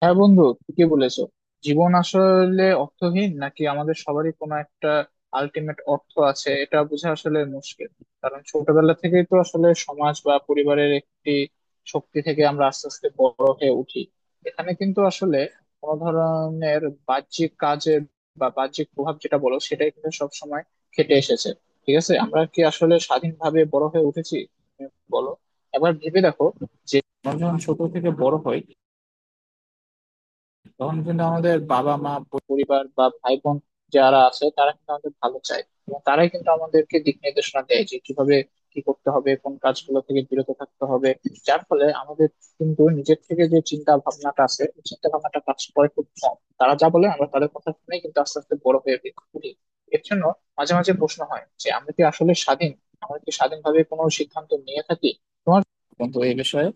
হ্যাঁ বন্ধু, ঠিকই বলেছো। জীবন আসলে অর্থহীন নাকি আমাদের সবারই কোনো একটা আলটিমেট অর্থ আছে, এটা বোঝা আসলে মুশকিল। কারণ ছোটবেলা থেকেই তো আসলে সমাজ বা পরিবারের একটি শক্তি থেকে আমরা আস্তে আস্তে বড় হয়ে উঠি। এখানে কিন্তু আসলে কোনো ধরনের বাহ্যিক কাজের বা বাহ্যিক প্রভাব যেটা বলো, সেটাই কিন্তু সবসময় খেটে এসেছে। ঠিক আছে, আমরা কি আসলে স্বাধীনভাবে বড় হয়ে উঠেছি? তুমি বলো, এবার ভেবে দেখো যে আমরা যখন ছোট থেকে বড় হই, তখন কিন্তু আমাদের বাবা মা, পরিবার বা ভাই বোন যারা আছে তারা কিন্তু আমাদের ভালো চায়, এবং তারাই কিন্তু আমাদেরকে দিক নির্দেশনা দেয় যে কিভাবে কি করতে হবে, কোন কাজগুলো থেকে বিরত থাকতে হবে। যার ফলে আমাদের কিন্তু নিজের থেকে যে চিন্তা ভাবনাটা আছে, ওই চিন্তা ভাবনাটা কাজ করে খুব কম। তারা যা বলে আমরা তাদের কথা শুনে কিন্তু আস্তে আস্তে বড় হয়ে উঠি। এর জন্য মাঝে মাঝে প্রশ্ন হয় যে আমরা কি আসলে স্বাধীন? আমরা কি স্বাধীনভাবে কোনো সিদ্ধান্ত নিয়ে থাকি? তোমার বন্ধু এই বিষয়ে।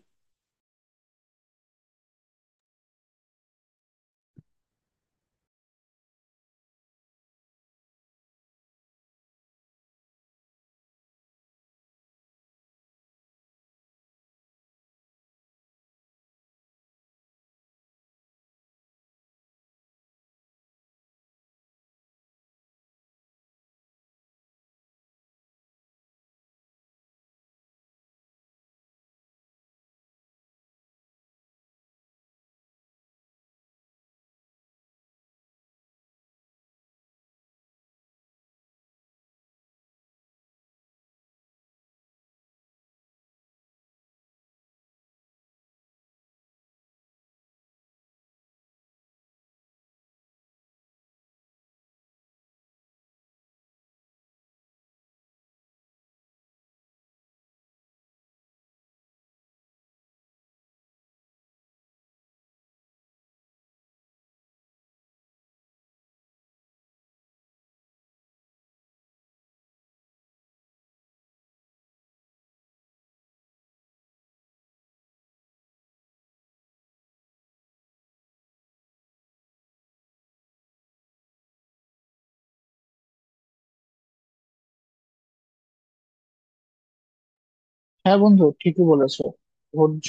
হ্যাঁ বন্ধু, ঠিকই বলেছো। ধৈর্য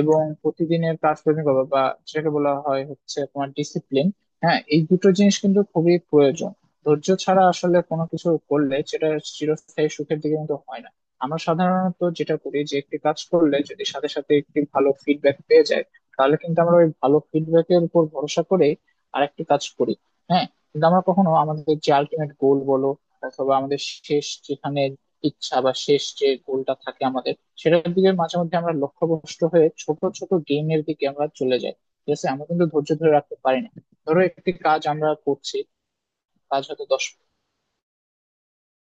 এবং প্রতিদিনের কাজকর্মিকতা বা যেটাকে বলা হয় হচ্ছে তোমার ডিসিপ্লিন। হ্যাঁ, এই দুটো জিনিস কিন্তু খুবই প্রয়োজন। ধৈর্য ছাড়া আসলে কোনো কিছু করলে সেটা চিরস্থায়ী সুখের দিকে কিন্তু হয় না। আমরা সাধারণত যেটা করি যে একটি কাজ করলে যদি সাথে সাথে একটি ভালো ফিডব্যাক পেয়ে যায়, তাহলে কিন্তু আমরা ওই ভালো ফিডব্যাকের উপর ভরসা করে আরেকটি কাজ করি। হ্যাঁ, কিন্তু আমরা কখনো আমাদের যে আলটিমেট গোল বলো অথবা আমাদের শেষ যেখানে ইচ্ছা বা শেষ যে গোলটা থাকে আমাদের, সেটার দিকে মাঝে মধ্যে আমরা লক্ষ্যভ্রষ্ট হয়ে ছোট ছোট গেমের দিকে আমরা চলে যাই। ঠিক আছে, আমরা কিন্তু ধৈর্য ধরে রাখতে পারি না। ধরো একটি কাজ আমরা করছি, কাজ হয়তো দশ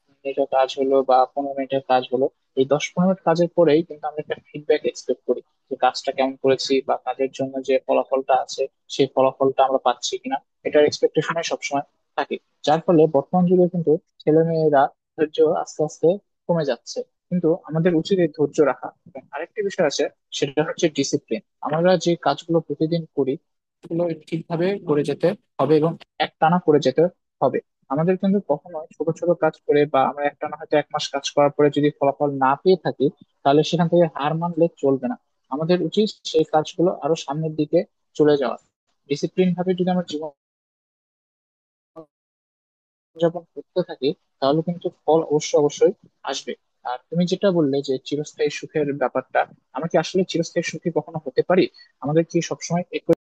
মিনিটের কাজ হলো বা 15 মিনিটের কাজ হলো। এই 10-15 মিনিট কাজের পরেই কিন্তু আমরা একটা ফিডব্যাক এক্সপেক্ট করি, যে কাজটা কেমন করেছি বা কাজের জন্য যে ফলাফলটা আছে, সেই ফলাফলটা আমরা পাচ্ছি কিনা। এটার এক্সপেকটেশনে সবসময় থাকে। যার ফলে বর্তমান যুগে কিন্তু ছেলে মেয়েরা ধৈর্য আস্তে আস্তে কমে যাচ্ছে। কিন্তু আমাদের উচিত এই ধৈর্য রাখা, এবং আরেকটি বিষয় আছে, সেটা হচ্ছে ডিসিপ্লিন। আমরা যে কাজগুলো প্রতিদিন করি, সেগুলো ঠিকভাবে করে যেতে হবে এবং একটানা করে যেতে হবে। আমাদের কিন্তু কখনো ছোট ছোট কাজ করে বা আমরা একটা না হয়তো এক মাস কাজ করার পরে যদি ফলাফল না পেয়ে থাকি, তাহলে সেখান থেকে হার মানলে চলবে না। আমাদের উচিত সেই কাজগুলো আরো সামনের দিকে চলে যাওয়া। ডিসিপ্লিন ভাবে যদি আমরা জীবন যাপন করতে থাকি, তাহলে কিন্তু ফল অবশ্যই অবশ্যই আসবে। আর তুমি যেটা বললে যে চিরস্থায়ী সুখের ব্যাপারটা, আমরা কি আসলে চিরস্থায়ী সুখী কখনো হতে পারি? আমাদের কি সবসময় একই?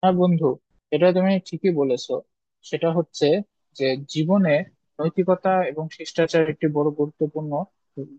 হ্যাঁ বন্ধু, এটা তুমি ঠিকই বলেছো। সেটা হচ্ছে যে জীবনে নৈতিকতা এবং শিষ্টাচার একটি বড় গুরুত্বপূর্ণ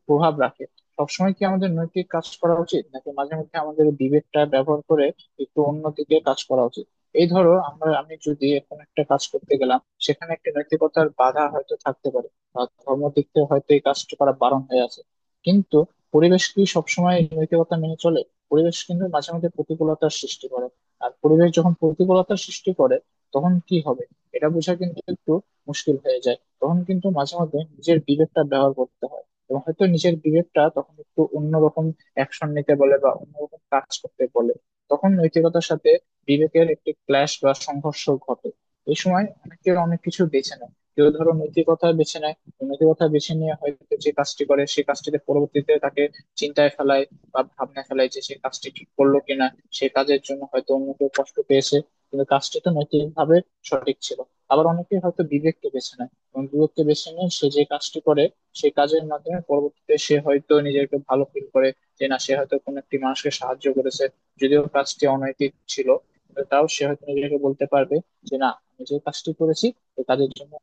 প্রভাব রাখে। সবসময় কি আমাদের নৈতিক কাজ করা উচিত, নাকি মাঝে মধ্যে আমাদের বিবেকটা ব্যবহার করে একটু অন্য দিকে কাজ করা উচিত? এই ধরো আমরা, আমি যদি এখন একটা কাজ করতে গেলাম, সেখানে একটি নৈতিকতার বাধা হয়তো থাকতে পারে বা ধর্ম দিক থেকে হয়তো এই কাজটা করা বারণ হয়ে আছে। কিন্তু পরিবেশ কি সবসময় এই নৈতিকতা মেনে চলে? পরিবেশ কিন্তু মাঝে মধ্যে প্রতিকূলতার সৃষ্টি করে। আর পরিবেশ যখন প্রতিকূলতা সৃষ্টি করে, তখন কি হবে? এটা বোঝা কিন্তু একটু মুশকিল হয়ে যায়। তখন কিন্তু মাঝে মাঝে নিজের বিবেকটা ব্যবহার করতে হয়, এবং হয়তো নিজের বিবেকটা তখন একটু অন্যরকম অ্যাকশন নিতে বলে বা অন্যরকম কাজ করতে বলে। তখন নৈতিকতার সাথে বিবেকের একটি ক্ল্যাশ বা সংঘর্ষ ঘটে। এই সময় অনেকে অনেক কিছু বেছে নেয়। কেউ ধরো নৈতিকতা বেছে নেয়। নৈতিকতা বেছে নিয়ে হয়তো যে কাজটি করে, সেই কাজটিতে পরবর্তীতে তাকে চিন্তায় ফেলায় বা ভাবনা ফেলায় যে সে কাজটি ঠিক করলো কিনা। সে কাজের জন্য হয়তো অন্য কেউ কষ্ট পেয়েছে, কিন্তু কাজটি তো নৈতিকভাবে সঠিক ছিল। আবার অনেকে হয়তো বিবেককে বেছে নেয়, এবং বিবেককে বেছে নিয়ে সে যে কাজটি করে, সেই কাজের মাধ্যমে পরবর্তীতে সে হয়তো নিজেকে ভালো ফিল করে। যে না, সে হয়তো কোনো একটি মানুষকে সাহায্য করেছে, যদিও কাজটি অনৈতিক ছিল, কিন্তু তাও সে হয়তো নিজেকে বলতে পারবে যে না আমি যে কাজটি করেছি, এই কাজের জন্য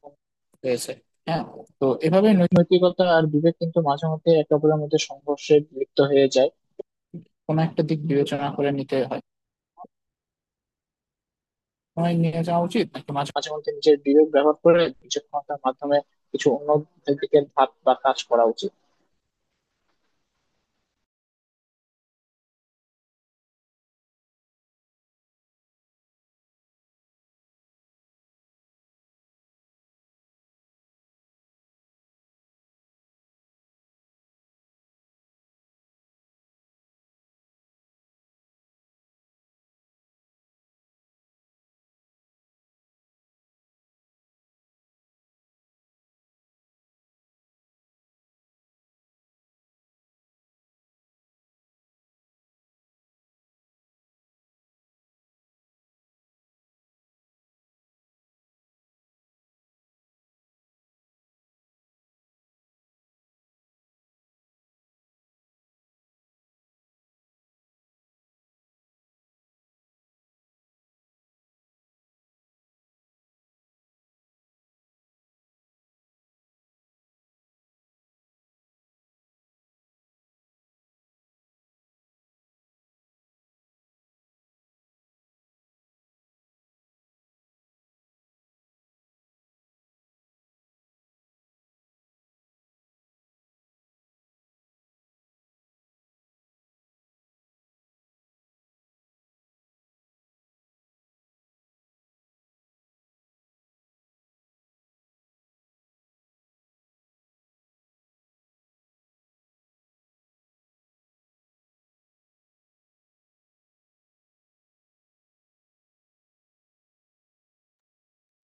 হয়েছে। হ্যাঁ, তো এভাবে নৈতিকতা আর বিবেক কিন্তু মাঝে মধ্যে একে অপরের মধ্যে সংঘর্ষে লিপ্ত হয়ে যায়। কোনো একটা দিক বিবেচনা করে নিতে হয়, সময় নিয়ে যাওয়া উচিত, নাকি মাঝে মাঝে মধ্যে নিজের বিবেক ব্যবহার করে বিচক্ষণতার মাধ্যমে কিছু অন্য দিকে ধাপ বা কাজ করা উচিত।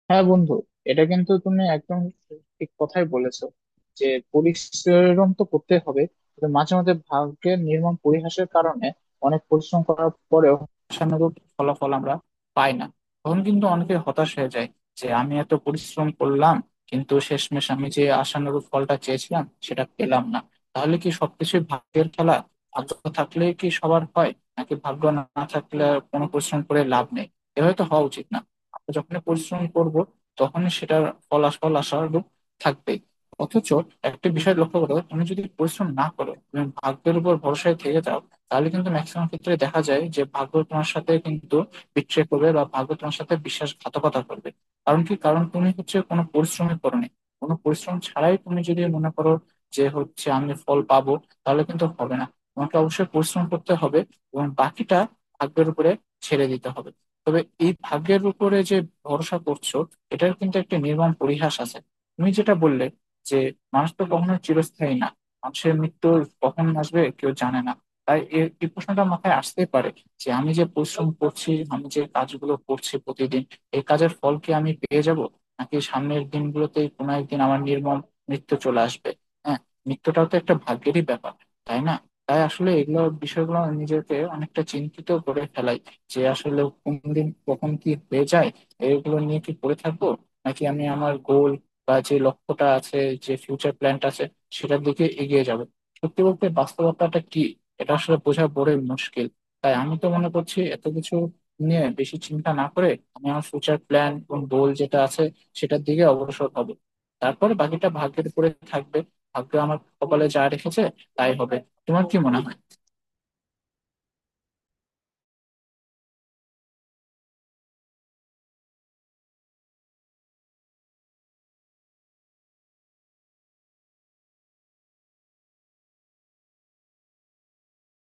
হ্যাঁ বন্ধু, এটা কিন্তু তুমি একদম ঠিক কথাই বলেছো, যে পরিশ্রম তো করতে হবে। তবে মাঝে মাঝে ভাগ্যের নির্মম পরিহাসের কারণে অনেক পরিশ্রম করার পরেও আশানুরূপ ফলাফল আমরা পাই না। তখন কিন্তু অনেকে হতাশ হয়ে যায়, যে আমি এত পরিশ্রম করলাম, কিন্তু শেষমেশ আমি যে আশানুরূপ ফলটা চেয়েছিলাম সেটা পেলাম না। তাহলে কি সবকিছুই ভাগ্যের খেলা? ভাগ্য থাকলে কি সবার হয়, নাকি ভাগ্য না থাকলে আর কোনো পরিশ্রম করে লাভ নেই? এভাবে তো হওয়া উচিত না। যখন পরিশ্রম করব, তখন সেটার ফল আশানুরূপ থাকবে। অথচ একটা বিষয় লক্ষ্য করো, তুমি যদি পরিশ্রম না করো, তুমি ভাগ্যের উপর ভরসায় থেকে যাও, তাহলে কিন্তু ম্যাক্সিমাম ক্ষেত্রে দেখা যায় যে ভাগ্য তোমার সাথে কিন্তু বিট্রে করবে বা ভাগ্য তোমার সাথে বিশ্বাসঘাতকতা করবে। কারণ কি? কারণ তুমি হচ্ছে কোনো পরিশ্রমই করোনি। কোনো পরিশ্রম ছাড়াই তুমি যদি মনে করো যে হচ্ছে আমি ফল পাবো, তাহলে কিন্তু হবে না। তোমাকে অবশ্যই পরিশ্রম করতে হবে, এবং বাকিটা ভাগ্যের উপরে ছেড়ে দিতে হবে। তবে এই ভাগ্যের উপরে যে ভরসা করছো, এটার কিন্তু একটা নির্মম পরিহাস আছে। তুমি যেটা বললে, যে মানুষ তো কখনো চিরস্থায়ী না, মানুষের মৃত্যু কখন আসবে কেউ জানে না। তাই এই প্রশ্নটা মাথায় আসতেই পারে, যে আমি যে পরিশ্রম করছি, আমি যে কাজগুলো করছি প্রতিদিন, এই কাজের ফল কি আমি পেয়ে যাব, নাকি সামনের দিনগুলোতেই কোনো একদিন আমার নির্মম মৃত্যু চলে আসবে। হ্যাঁ, মৃত্যুটাও তো একটা ভাগ্যেরই ব্যাপার, তাই না? তাই আসলে এগুলো বিষয়গুলো নিজেকে অনেকটা চিন্তিত করে ফেলাই, যে আসলে কোন দিন কখন কি হয়ে যায়। এগুলো নিয়ে কি পড়ে থাকবো, নাকি আমি আমার গোল বা যে লক্ষ্যটা আছে, যে ফিউচার প্ল্যানটা আছে, সেটার দিকে এগিয়ে যাবো? সত্যি বলতে বাস্তবতাটা কি, এটা আসলে বোঝা বড়ই মুশকিল। তাই আমি তো মনে করছি এত কিছু নিয়ে বেশি চিন্তা না করে আমি আমার ফিউচার প্ল্যান এবং গোল যেটা আছে সেটার দিকে অগ্রসর হবো। তারপরে বাকিটা ভাগ্যের উপরে থাকবে। ভাগ্য আমার কপালে যা রেখেছে, তাই হবে। তোমার কি মনে হয়?